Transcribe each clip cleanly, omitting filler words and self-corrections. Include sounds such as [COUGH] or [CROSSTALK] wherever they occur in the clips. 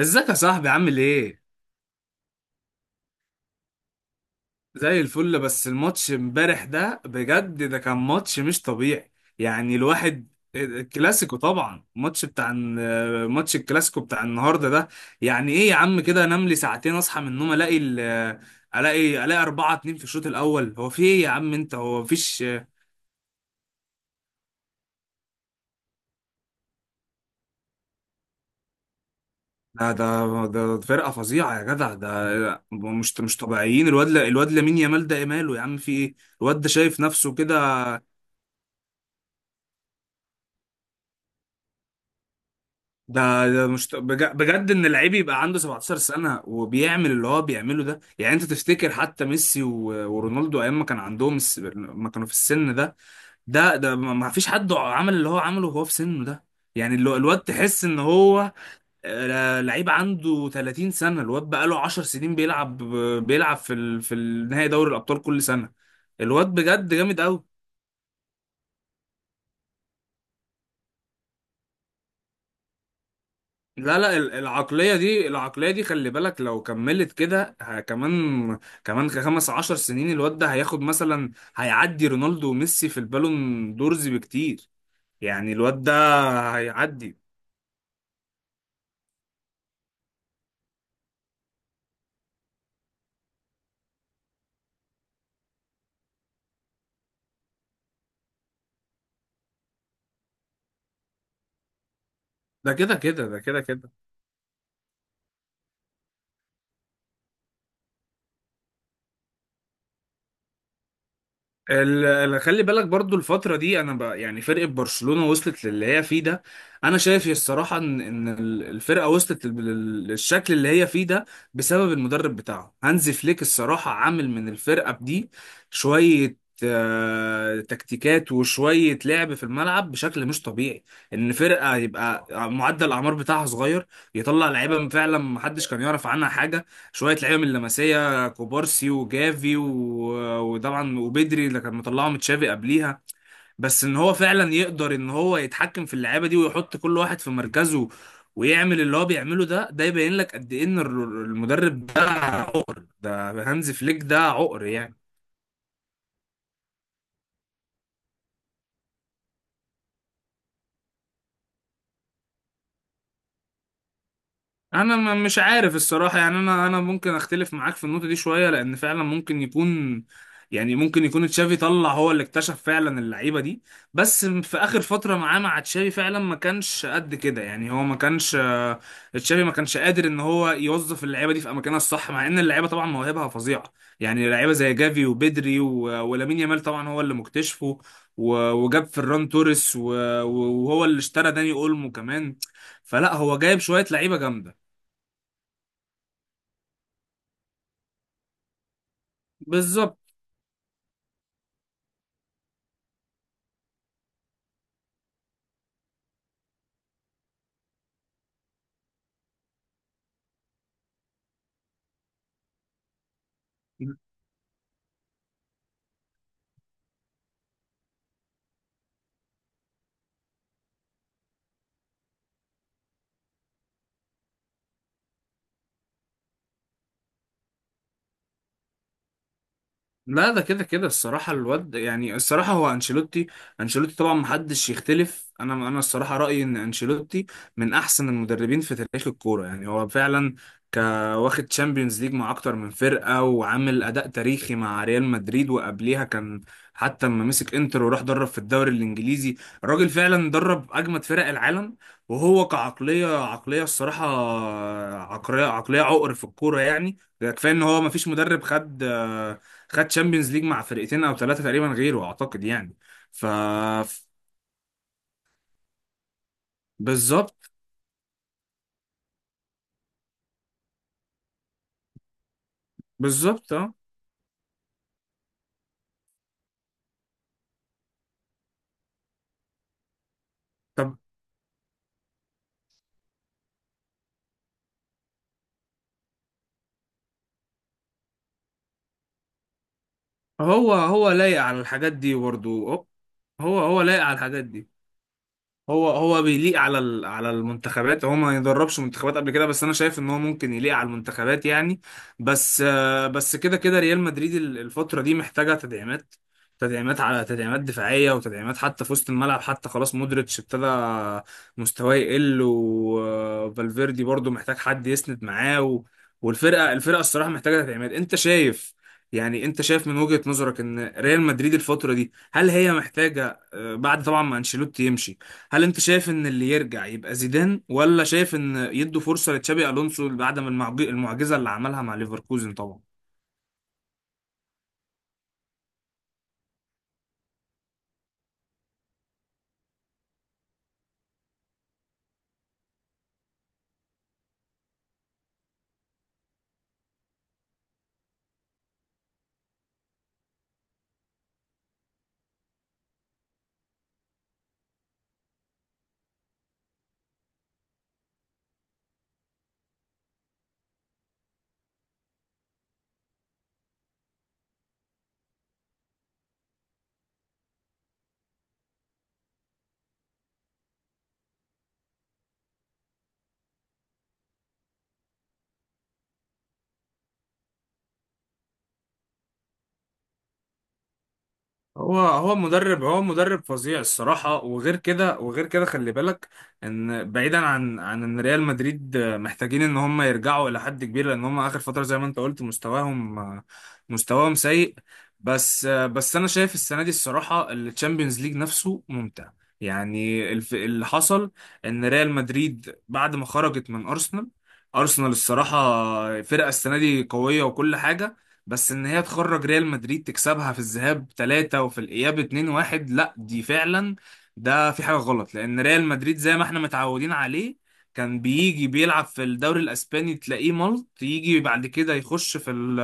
ازيك يا صاحبي عامل ايه؟ زي الفل. بس الماتش امبارح ده بجد، ده كان ماتش مش طبيعي. يعني الواحد الكلاسيكو طبعا، ماتش الكلاسيكو بتاع النهارده ده. يعني ايه يا عم؟ كده انام لي ساعتين، اصحى من النوم الاقي الاقي 4 2 في الشوط الاول. هو في ايه يا عم؟ انت هو مفيش. ده فرقه فظيعه يا جدع، ده مش طبيعيين. الواد لامين يامال ده ايه ماله يا عم؟ في ايه؟ الواد ده شايف نفسه كده. ده مش بجد ان اللعيب يبقى عنده 17 سنه وبيعمل اللي هو بيعمله ده. يعني انت تفتكر حتى ميسي و- ورونالدو ايام ما كان عندهم ما كانوا في السن ده؟ ده ما فيش حد عمل اللي هو عمله وهو في سنه ده. يعني الواد تحس ان هو لعيب عنده 30 سنه، الواد بقى له 10 سنين بيلعب في النهائي دوري الابطال كل سنه. الواد بجد جامد قوي. لا لا، العقلية دي خلي بالك. لو كملت كده كمان 15 سنين، الواد ده هياخد مثلا، هيعدي رونالدو وميسي في البالون دورز بكتير. يعني الواد ده هيعدي. ده كده كده. ال- خلي بالك برضو الفترة دي. أنا بقى يعني فرقة برشلونة وصلت للي هي فيه ده. أنا شايف الصراحة إن الفرقة وصلت للشكل اللي هي فيه ده بسبب المدرب بتاعه هانزي فليك. الصراحة عامل من الفرقة دي شوية تكتيكات، وشوية لعب في الملعب بشكل مش طبيعي. إن فرقة يبقى معدل الأعمار بتاعها صغير، يطلع لعيبة فعلا محدش كان يعرف عنها حاجة. شوية لعيبة من اللمسية، كوبارسي وجافي وطبعا وبدري، اللي كان مطلعه من تشافي قبليها. بس ان هو فعلا يقدر ان هو يتحكم في اللعيبه دي، ويحط كل واحد في مركزه، ويعمل اللي هو بيعمله ده، ده يبين لك قد ايه ان المدرب ده عقر. ده هانز فليك ده عقر يعني. انا مش عارف الصراحه، يعني انا ممكن اختلف معاك في النقطه دي شويه، لان فعلا ممكن يكون، يعني ممكن يكون تشافي طلع هو اللي اكتشف فعلا اللعيبه دي. بس في اخر فتره معاه مع تشافي فعلا ما كانش قد كده، يعني هو ما كانش، تشافي ما كانش قادر ان هو يوظف اللعيبه دي في اماكنها الصح، مع ان اللعيبه طبعا مواهبها فظيعه. يعني لعيبه زي جافي وبدري ولامين يامال طبعا هو اللي مكتشفه، وجاب فران توريس، وهو اللي اشترى داني اولمو كمان. فلا، هو جايب شويه لعيبه جامده. بالظبط. لا، ده كده كده الصراحة، الواد يعني، الصراحة هو أنشيلوتي. أنشيلوتي طبعا محدش يختلف، أنا الصراحة رأيي إن أنشيلوتي من أحسن المدربين في تاريخ الكورة. يعني هو فعلا ك واخد تشامبيونز ليج مع أكتر من فرقة، وعامل أداء تاريخي مع ريال مدريد، وقبليها كان حتى لما مسك إنتر، وراح درب في الدوري الإنجليزي. الراجل فعلا درب أجمد فرق العالم. وهو كعقلية الصراحة، عقلية عقر في الكورة. يعني ده كفاية إن هو مفيش مدرب خد تشامبيونز ليج مع فرقتين او ثلاثه تقريبا غيره، اعتقد يعني. ف ف- بالظبط. بالظبط اه. طب هو لايق على الحاجات دي برضه. هو لايق على الحاجات دي. هو بيليق على على المنتخبات، هو ما يدربش منتخبات قبل كده، بس انا شايف ان هو ممكن يليق على المنتخبات يعني. بس كده كده ريال مدريد الفترة دي محتاجة تدعيمات. تدعيمات على تدعيمات دفاعية، وتدعيمات حتى في وسط الملعب. حتى خلاص مودريتش ابتدى مستواه يقل، وفالفيردي برضو محتاج حد يسند معاه، والفرقة الصراحة محتاجة تدعيمات. انت شايف يعني؟ انت شايف من وجهة نظرك ان ريال مدريد الفترة دي هل هي محتاجة، بعد طبعا ما انشيلوتي يمشي، هل انت شايف ان اللي يرجع يبقى زيدان، ولا شايف ان يدوا فرصة لتشابي الونسو بعد ما المعجزة اللي عملها مع ليفركوزن طبعا؟ هو مدرب فظيع الصراحة. وغير كده خلي بالك ان بعيدا عن ان ريال مدريد محتاجين ان هم يرجعوا الى حد كبير، لان هم اخر فترة زي ما انت قلت مستواهم سيء. بس انا شايف السنة دي الصراحة التشامبيونز ليج نفسه ممتع. يعني اللي حصل ان ريال مدريد بعد ما خرجت من ارسنال الصراحة فرقة السنة دي قوية وكل حاجة، بس ان هي تخرج ريال مدريد تكسبها في الذهاب 3 وفي الاياب 2-1، لا دي فعلا ده في حاجة غلط. لان ريال مدريد زي ما احنا متعودين عليه كان بيجي بيلعب في الدوري الاسباني تلاقيه ملط، يجي بعد كده يخش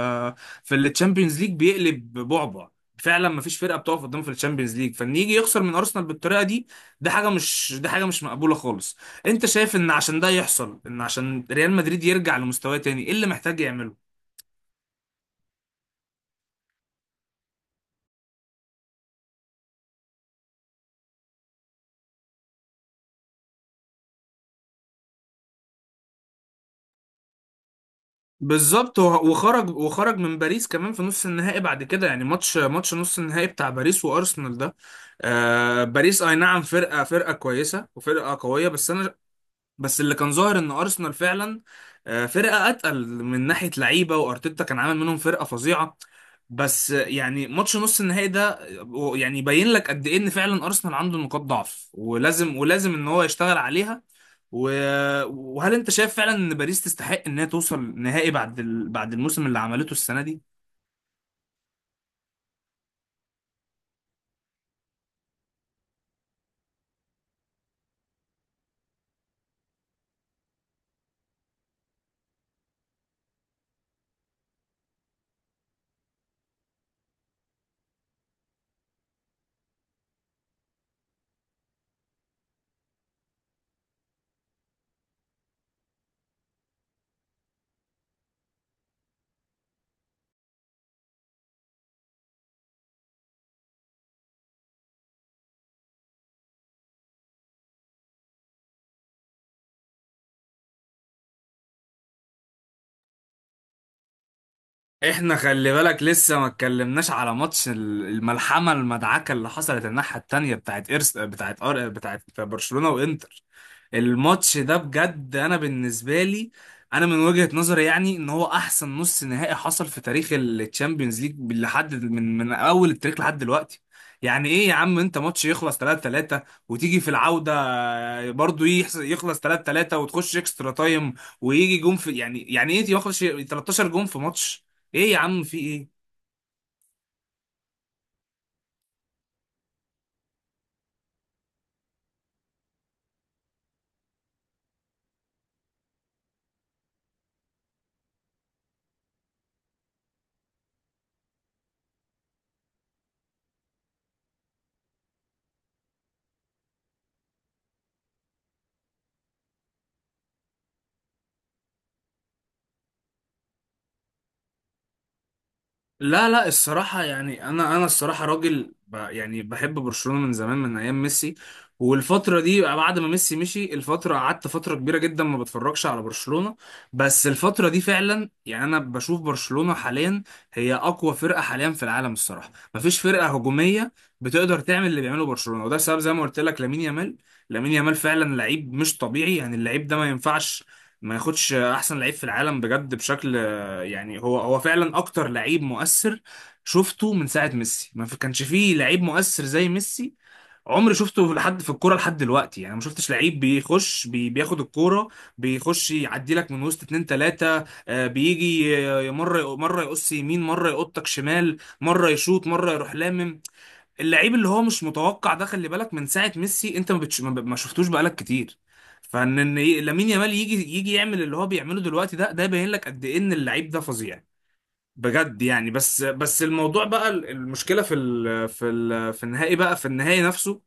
في التشامبيونز ليج بيقلب بعبع. فعلا ما فيش فرقه بتقف قدامه في الشامبيونز ليج، فان يجي يخسر من ارسنال بالطريقه دي، ده حاجه مش مقبوله خالص. انت شايف ان عشان ده يحصل، ان عشان ريال مدريد يرجع لمستواه تاني، ايه اللي محتاج يعمله؟ بالظبط. وخرج من باريس كمان في نص النهائي بعد كده، يعني ماتش نص النهائي بتاع باريس وارسنال ده. آه، باريس اي نعم فرقه كويسه وفرقه قويه، بس اللي كان ظاهر ان ارسنال فعلا فرقه اتقل من ناحيه لعيبه. وارتيتا كان عامل منهم فرقه فظيعه، بس يعني ماتش نص النهائي ده، يعني يبين لك قد ايه ان فعلا ارسنال عنده نقاط ضعف، ولازم ان هو يشتغل عليها. و... وهل انت شايف فعلا ان باريس تستحق انها توصل نهائي بعد بعد الموسم اللي عملته السنه دي؟ احنا خلي بالك لسه ما اتكلمناش على ماتش الملحمه المدعكه اللي حصلت الناحيه التانيه بتاعت إرس... بتاعت أر... بتاعت برشلونه وانتر. الماتش ده بجد انا بالنسبه لي، انا من وجهه نظري، يعني ان هو احسن نص نهائي حصل في تاريخ الشامبيونز ليج لحد من اول التاريخ لحد دلوقتي. يعني ايه يا عم؟ انت ماتش يخلص 3 3، وتيجي في العوده برضو يخلص 3 3، وتخش اكسترا تايم، ويجي جون، في يعني ايه يخلص 13 جون في ماتش؟ ايه يا عم؟ في ايه؟ لا لا، الصراحة يعني أنا الصراحة راجل يعني بحب برشلونة من زمان من أيام ميسي. والفترة دي بعد ما ميسي مشي الفترة، قعدت فترة كبيرة جدا ما بتفرجش على برشلونة. بس الفترة دي فعلا يعني أنا بشوف برشلونة حاليا هي أقوى فرقة حاليا في العالم الصراحة. مفيش فرقة هجومية بتقدر تعمل اللي بيعمله برشلونة، وده سبب زي ما قلت لك لامين يامال فعلا لعيب مش طبيعي. يعني اللعيب ده ما ينفعش ما ياخدش أحسن لعيب في العالم بجد بشكل. يعني هو فعلا اكتر لعيب مؤثر شفته من ساعه ميسي. ما كانش فيه لعيب مؤثر زي ميسي عمري شفته لحد في الكوره لحد دلوقتي. يعني ما شفتش لعيب بيخش بياخد الكوره، بيخش يعدي لك من وسط اتنين تلاته، بيجي مره يقص يمين، مره يقطك شمال، مره يشوط، مره يروح. اللعيب اللي هو مش متوقع ده، خلي بالك من ساعه ميسي انت ما, بتش... ما ما شفتوش بقالك كتير. فان لامين يامال يجي يعمل اللي هو بيعمله دلوقتي، ده يبين لك قد ايه ان اللعيب ده فظيع بجد يعني. بس الموضوع بقى، المشكله في النهائي بقى، في النهائي نفسه،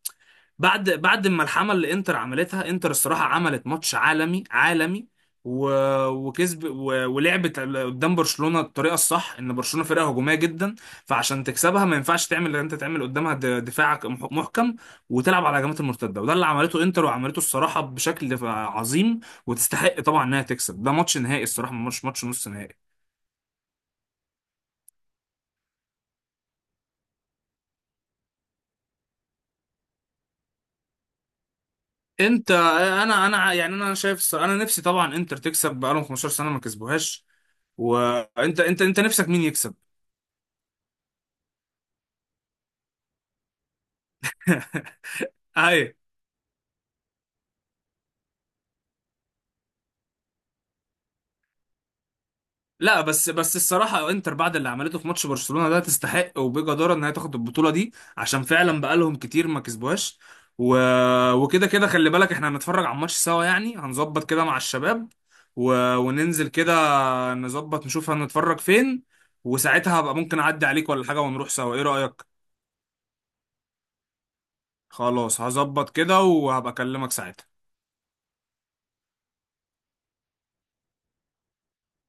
بعد ما الحمل اللي انتر عملتها، انتر الصراحه عملت ماتش عالمي عالمي. و... وكسب، ولعبت قدام برشلونه الطريقه الصح. ان برشلونه فرقه هجوميه جدا، فعشان تكسبها ما ينفعش تعمل اللي انت تعمل قدامها دفاع محكم، وتلعب على هجمات المرتده. وده اللي عملته انتر، وعملته الصراحه بشكل عظيم. وتستحق طبعا انها تكسب. ده ماتش نهائي الصراحه مش ماتش نص نهائي. انت انا انا يعني، انا شايف الصراحة انا نفسي طبعا انتر تكسب، بقالهم 15 سنه ما كسبوهاش. وانت انت انت نفسك مين يكسب؟ [LAUGHS] ايوه. لا، بس الصراحه انتر بعد اللي عملته في ماتش برشلونه ده، تستحق وبجداره ان هي تاخد البطوله دي، عشان فعلا بقالهم كتير ما كسبوهاش. و... وكده كده خلي بالك احنا هنتفرج على الماتش سوا، يعني هنظبط كده مع الشباب، وننزل كده نظبط نشوف هنتفرج فين. وساعتها هبقى ممكن اعدي عليك ولا حاجه، ونروح سوا. ايه رايك؟ خلاص هظبط كده، وهبقى اكلمك ساعتها.